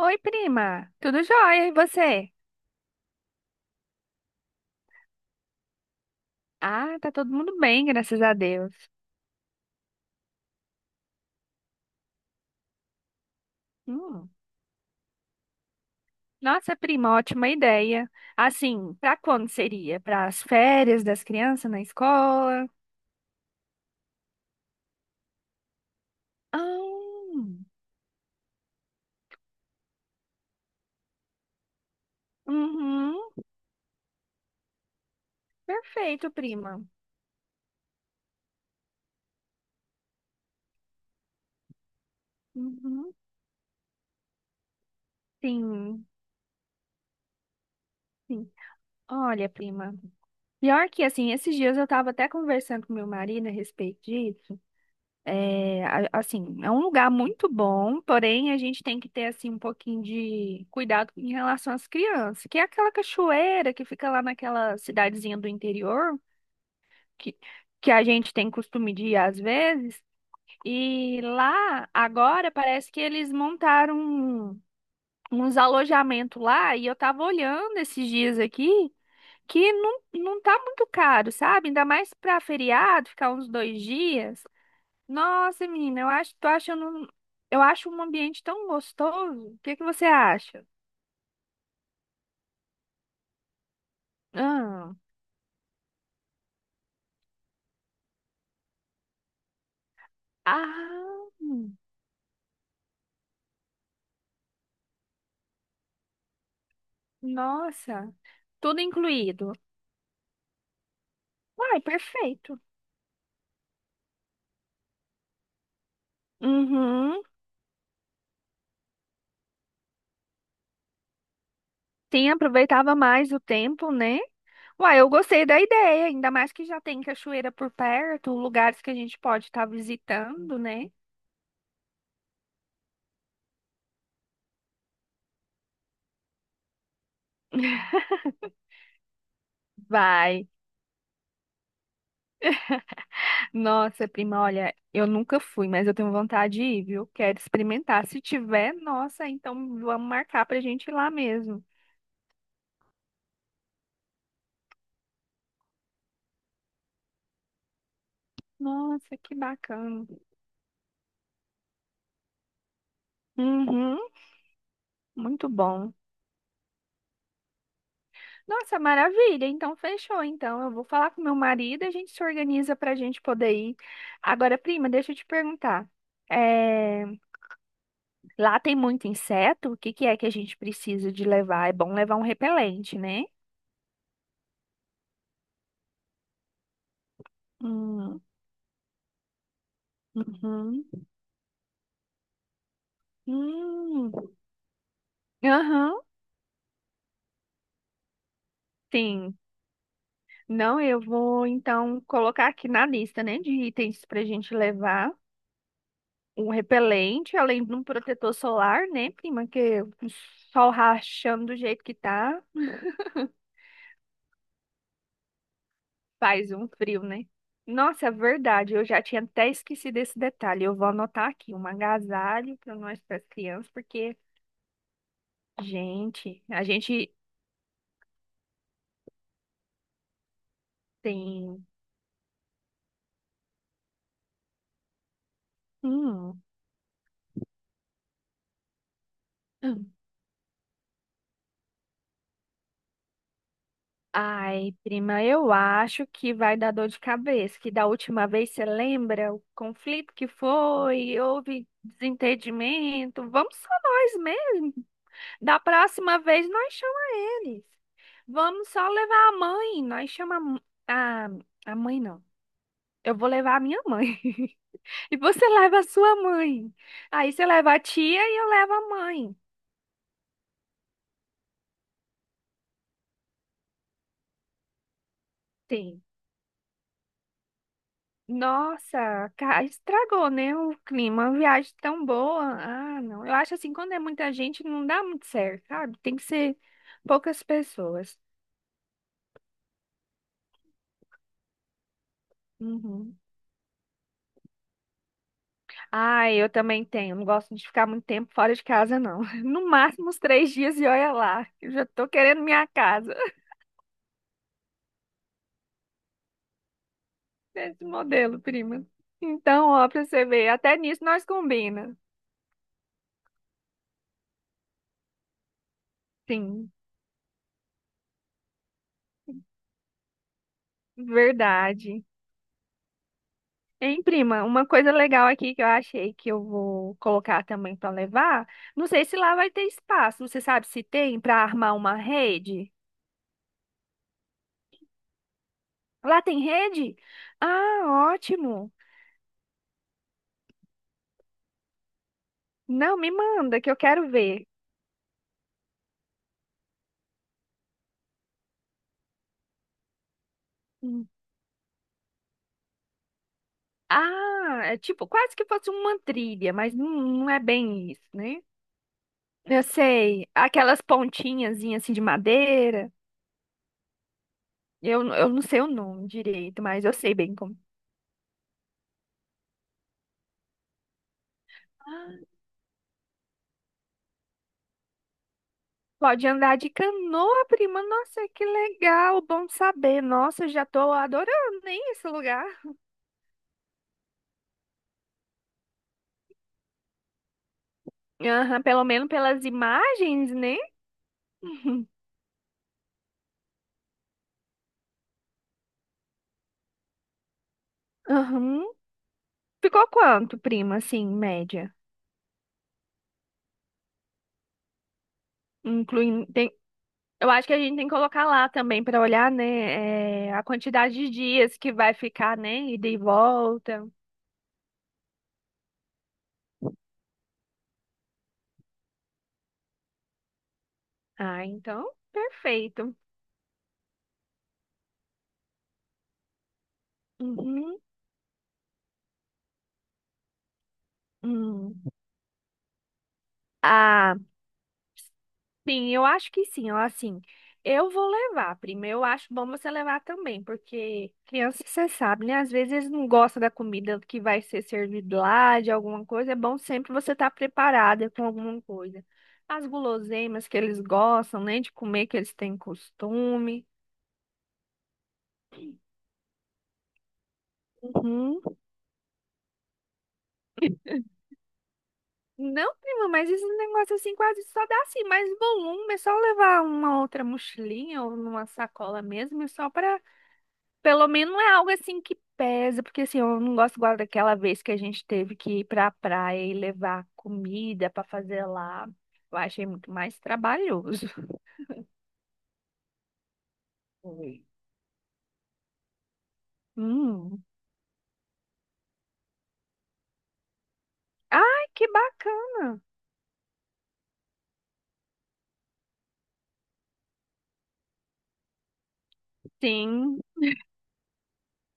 Oi, prima. Tudo jóia? E você? Ah, tá todo mundo bem, graças a Deus. Hum. Nossa, prima, ótima ideia. Assim, pra quando seria? Para as férias das crianças na escola? Ah, uhum. Perfeito, prima. Uhum. Sim, sim. Olha, prima. Pior que, assim, esses dias eu tava até conversando com meu marido a respeito disso. É, assim, é um lugar muito bom, porém a gente tem que ter assim um pouquinho de cuidado em relação às crianças, que é aquela cachoeira que fica lá naquela cidadezinha do interior, que, que a gente tem costume de ir às vezes. E lá agora parece que eles montaram uns alojamentos lá e eu tava olhando esses dias aqui que não, não tá muito caro, sabe? Ainda mais para feriado, ficar uns 2 dias. Nossa, menina, eu acho, tô achando, eu acho um ambiente tão gostoso. O que que você acha? Ah, ah, nossa, tudo incluído. Uai, perfeito. Uhum. Sim, aproveitava mais o tempo, né? Uai, eu gostei da ideia, ainda mais que já tem cachoeira por perto, lugares que a gente pode estar visitando, né? Vai. Nossa, prima, olha, eu nunca fui, mas eu tenho vontade de ir, viu? Quero experimentar. Se tiver, nossa, então vamos marcar pra gente ir lá mesmo. Nossa, que bacana. Uhum, muito bom. Nossa, maravilha. Então fechou. Então eu vou falar com meu marido e a gente se organiza pra gente poder ir. Agora, prima, deixa eu te perguntar. É, lá tem muito inseto? O que que é que a gente precisa de levar? É bom levar um repelente, né? Hum, uhum. Hum. Aham, sim. Não, eu vou então colocar aqui na lista, né, de itens para a gente levar um repelente, além de um protetor solar, né, prima? Que é o sol rachando do jeito que tá, faz um frio, né? Nossa, é verdade, eu já tinha até esquecido esse detalhe. Eu vou anotar aqui um agasalho para nós, para as crianças, porque, gente, a gente tem. Hum. Ai, prima, eu acho que vai dar dor de cabeça, que da última vez você lembra o conflito que foi, houve desentendimento. Vamos só nós mesmo. Da próxima vez nós chama eles. Vamos só levar a mãe, nós chama a, m- a mãe não. Eu vou levar a minha mãe. E você leva a sua mãe. Aí você leva a tia e eu levo a mãe. Sim. Nossa, estragou, né, o clima. Uma viagem tão boa. Ah, não. Eu acho assim, quando é muita gente, não dá muito certo, sabe? Tem que ser poucas pessoas. Uhum. Ah, eu também tenho. Não gosto de ficar muito tempo fora de casa, não. No máximo uns 3 dias e olha lá. Eu já tô querendo minha casa. Esse modelo, prima. Então, ó, pra você ver, até nisso nós combina. Sim, verdade. Hein, prima, uma coisa legal aqui que eu achei que eu vou colocar também para levar. Não sei se lá vai ter espaço. Você sabe se tem para armar uma rede? Lá tem rede? Ah, ótimo. Não, me manda que eu quero ver. Hum. Ah, é tipo quase que fosse uma trilha, mas não, não é bem isso, né? Eu sei, aquelas pontinhas assim de madeira. Eu não sei o nome direito, mas eu sei bem como. Pode andar de canoa, prima. Nossa, que legal. Bom saber. Nossa, eu já tô adorando, hein, esse lugar. Aham, pelo menos pelas imagens, né? Uhum. Aham. Ficou quanto, prima, assim, média? Incluindo, tem, eu acho que a gente tem que colocar lá também pra olhar, né, é, a quantidade de dias que vai ficar, né, ida e volta. Ah, então, perfeito. Uhum. Hum. Ah, sim, eu acho que sim, ó, assim, eu vou levar, prima, eu acho bom você levar também, porque criança, você sabe, né, às vezes eles não gostam da comida que vai ser servida lá, de alguma coisa, é bom sempre você estar preparada com alguma coisa. As guloseimas que eles gostam, né, de comer, que eles têm costume. Uhum. Não, prima, mas esse negócio assim quase só dá assim mais volume, é só levar uma outra mochilinha ou numa sacola mesmo, é só para pelo menos não é algo assim que pesa, porque assim, eu não gosto igual daquela vez que a gente teve que ir pra praia e levar comida pra fazer lá. Eu achei muito mais trabalhoso. Oi. Hum. Ai, que bacana. Sim,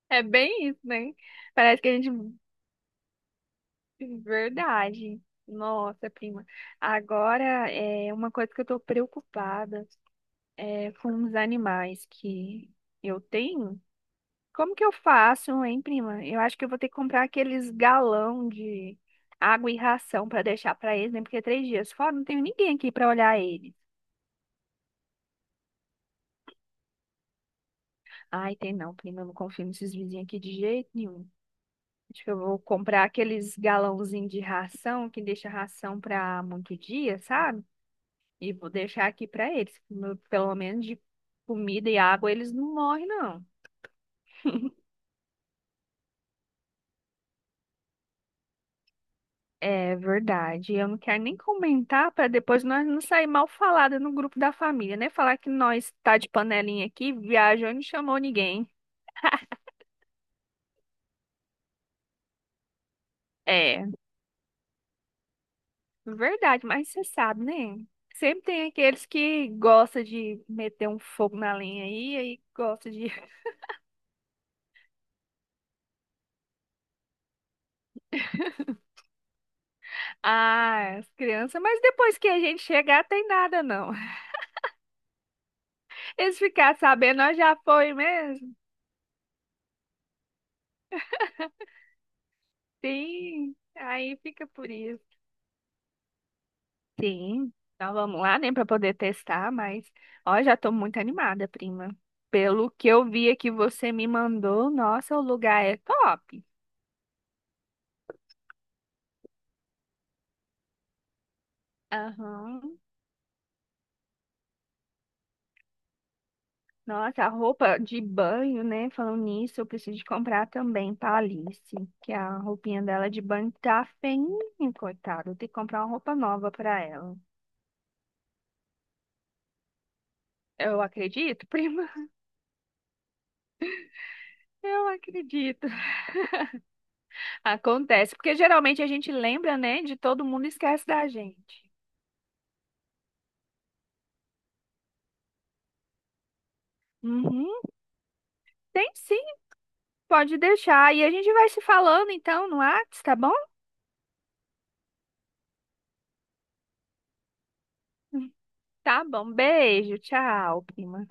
é bem isso, né? Parece que a gente. Verdade. Nossa, prima. Agora é uma coisa que eu tô preocupada é com os animais que eu tenho. Como que eu faço, hein, prima? Eu acho que eu vou ter que comprar aqueles galão de água e ração para deixar para eles, né? Porque é 3 dias fora, não tenho ninguém aqui para olhar eles. Ai, tem não, prima, eu não confio nesses vizinhos aqui de jeito nenhum. Acho que eu vou comprar aqueles galãozinhos de ração que deixa ração para muito dia, sabe? E vou deixar aqui para eles. Pelo menos de comida e água eles não morrem, não. É verdade. Eu não quero nem comentar para depois nós não sair mal falada no grupo da família, né? Falar que nós tá de panelinha aqui, viajou e não chamou ninguém. É, verdade, mas você sabe, né? Sempre tem aqueles que gostam de meter um fogo na linha aí, aí gosta de. Ah, as crianças, mas depois que a gente chegar, tem nada não. Eles ficar sabendo, nós já foi mesmo. Sim, aí fica por isso. Sim, então vamos lá, né, para poder testar, mas ó, já tô muito animada, prima. Pelo que eu vi que você me mandou, nossa, o lugar é top. Aham. Nossa, a roupa de banho, né? Falando nisso, eu preciso de comprar também pra Alice, que a roupinha dela de banho tá feinha, coitada. Eu tenho que comprar uma roupa nova pra ela. Eu acredito, prima. Eu acredito. Acontece, porque geralmente a gente lembra, né, de todo mundo e esquece da gente. Uhum. Tem sim. Pode deixar. E a gente vai se falando então no Whats, tá bom? Tá bom. Beijo. Tchau, prima.